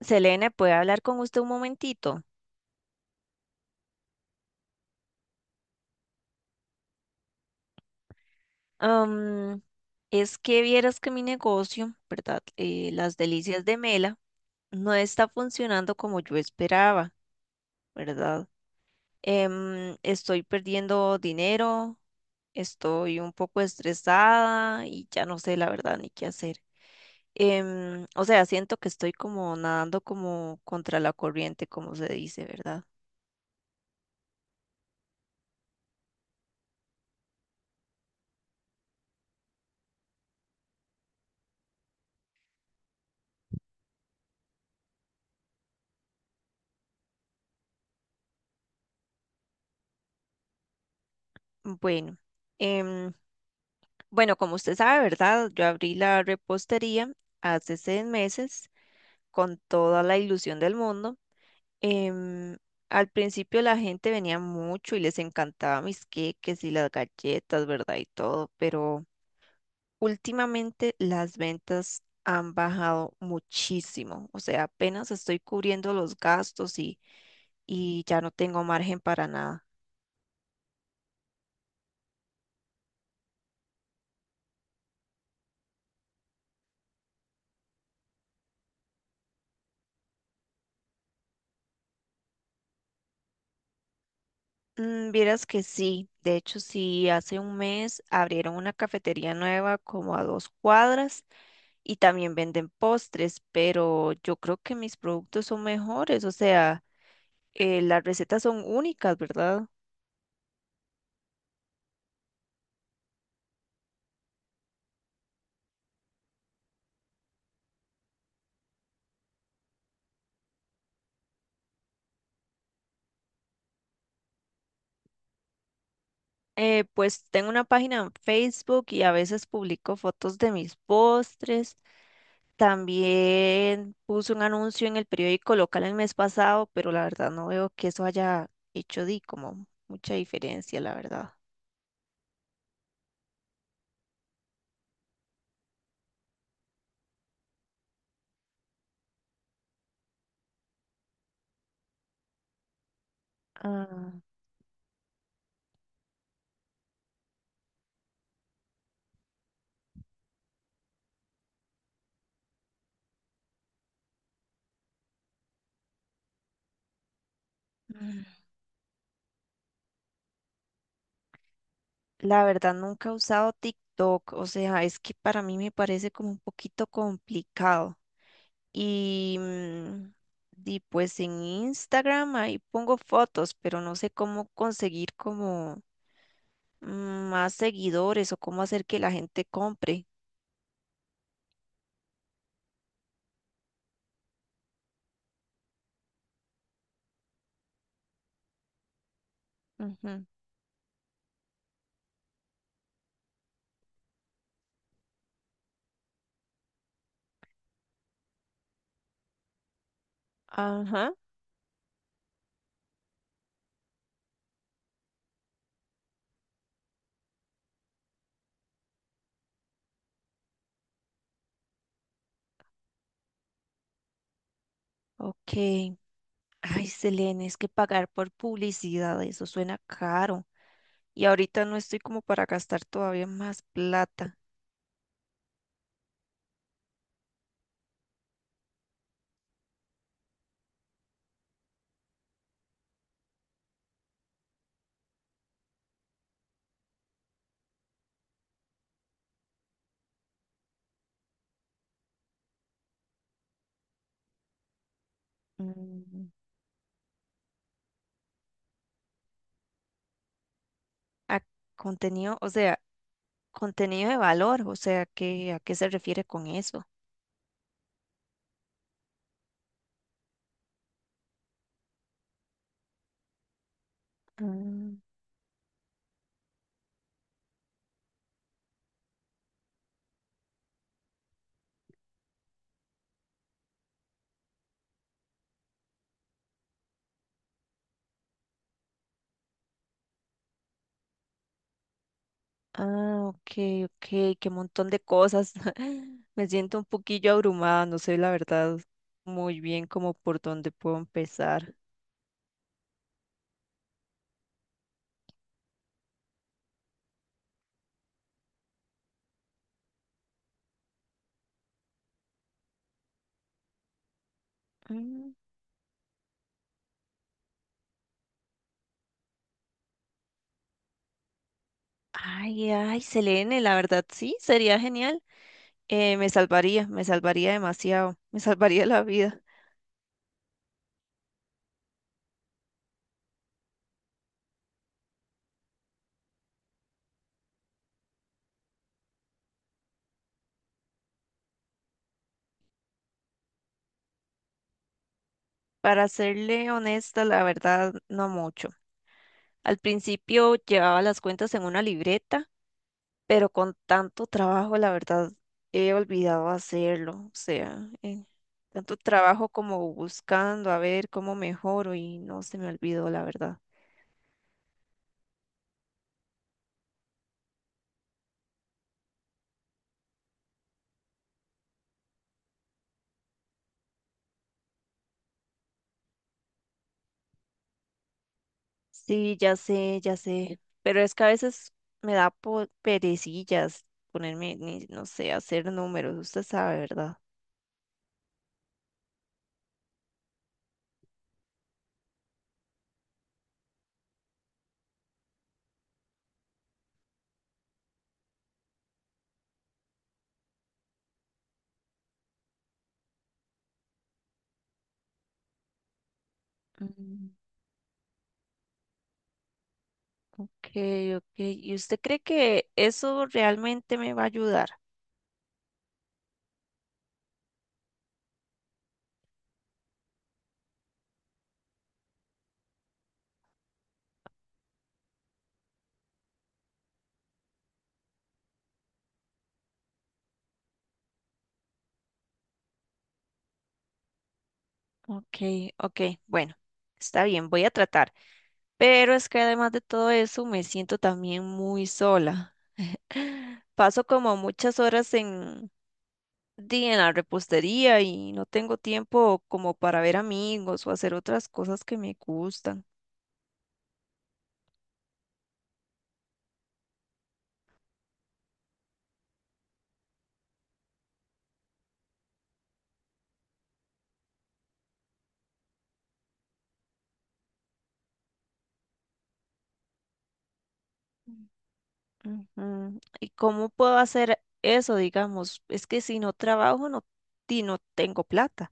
Selene, ¿puede hablar con usted un momentito? Am, es que vieras que mi negocio, ¿verdad? Las Delicias de Mela no está funcionando como yo esperaba, ¿verdad? Estoy perdiendo dinero, estoy un poco estresada y ya no sé la verdad ni qué hacer. O sea, siento que estoy como nadando como contra la corriente, como se dice, ¿verdad? Bueno. em, Bueno, como usted sabe, ¿verdad? Yo abrí la repostería hace seis meses con toda la ilusión del mundo. Em, Al principio la gente venía mucho y les encantaba mis queques y las galletas, ¿verdad? Y todo, pero últimamente las ventas han bajado muchísimo. O sea, apenas estoy cubriendo los gastos y ya no tengo margen para nada. Mm, vieras que sí, de hecho sí, hace un mes abrieron una cafetería nueva como a dos cuadras y también venden postres, pero yo creo que mis productos son mejores, o sea, las recetas son únicas, ¿verdad? Pues tengo una página en Facebook y a veces publico fotos de mis postres. También puse un anuncio en el periódico local el mes pasado, pero la verdad no veo que eso haya hecho di como mucha diferencia, la verdad. Ah. Mm. La verdad, nunca he usado TikTok, o sea, es que para mí me parece como un poquito complicado. Y, di, pues en Instagram ahí pongo fotos, pero no sé cómo conseguir como más seguidores o cómo hacer que la gente compre. Ujú. Ajá, ok. Ay, Selene, es que pagar por publicidad, eso suena caro. Y ahorita no estoy como para gastar todavía más plata. Mm. a Contenido, o sea, contenido de valor, o sea, ¿qué, a qué se refiere con eso? Mm. Ah, ok, ok, qué montón de cosas. Me siento un poquillo abrumada, no sé la verdad muy bien como por dónde puedo empezar. Mm. Ay, ay, Selene, la verdad sí, sería genial. Me salvaría, me salvaría demasiado, me salvaría la vida. Para serle honesta, la verdad, no mucho. Al principio llevaba las cuentas en una libreta, pero con tanto trabajo, la verdad, he olvidado hacerlo. O sea, tanto trabajo como buscando a ver cómo mejoro y no se me olvidó, la verdad. Sí, ya sé, pero es que a veces me da perecillas ponerme, no sé, hacer números, usted sabe, ¿verdad? Mm. Ok, ok. ¿Y usted cree que eso realmente me va a ayudar? Ok, ok, bueno, está bien, voy a tratar, pero es que además de todo eso me siento también muy sola. Paso como muchas horas di, en la repostería y no tengo tiempo como para ver amigos o hacer otras cosas que me gustan. Ujú. ¿Y cómo puedo hacer eso, digamos? Es que si no trabajo, no, di, no tengo plata.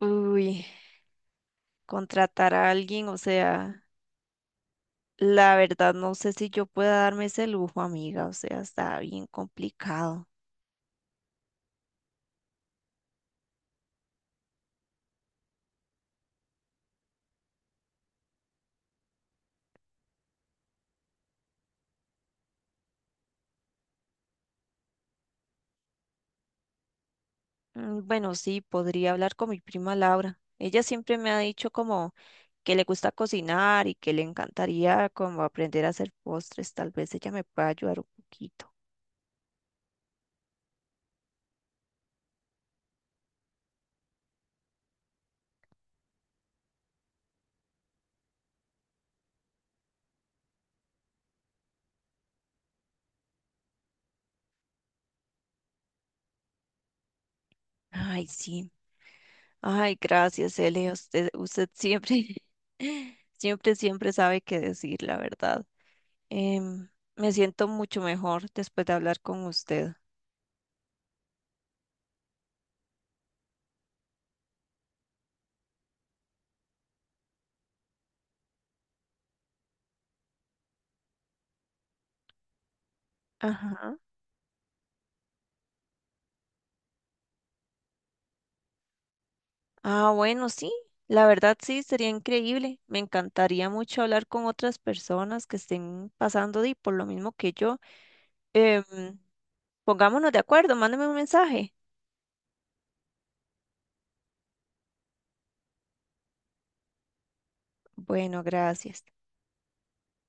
Uy, contratar a alguien, o sea... La verdad, no sé si yo pueda darme ese lujo, amiga, o sea, está bien complicado. Mm. Bueno, sí, podría hablar con mi prima Laura. Ella siempre me ha dicho como que le gusta cocinar y que le encantaría como aprender a hacer postres. Tal vez ella me pueda ayudar un poquito. Ay, sí. Ay, gracias, Ele. Usted siempre, siempre, siempre sabe qué decir, la verdad. Em, Me siento mucho mejor después de hablar con usted. Ajá. Ah, bueno, sí, la verdad sí, sería increíble. Me encantaría mucho hablar con otras personas que estén pasando di- por lo mismo que yo. Em, Pongámonos de acuerdo, mándame un mensaje. Bueno, gracias.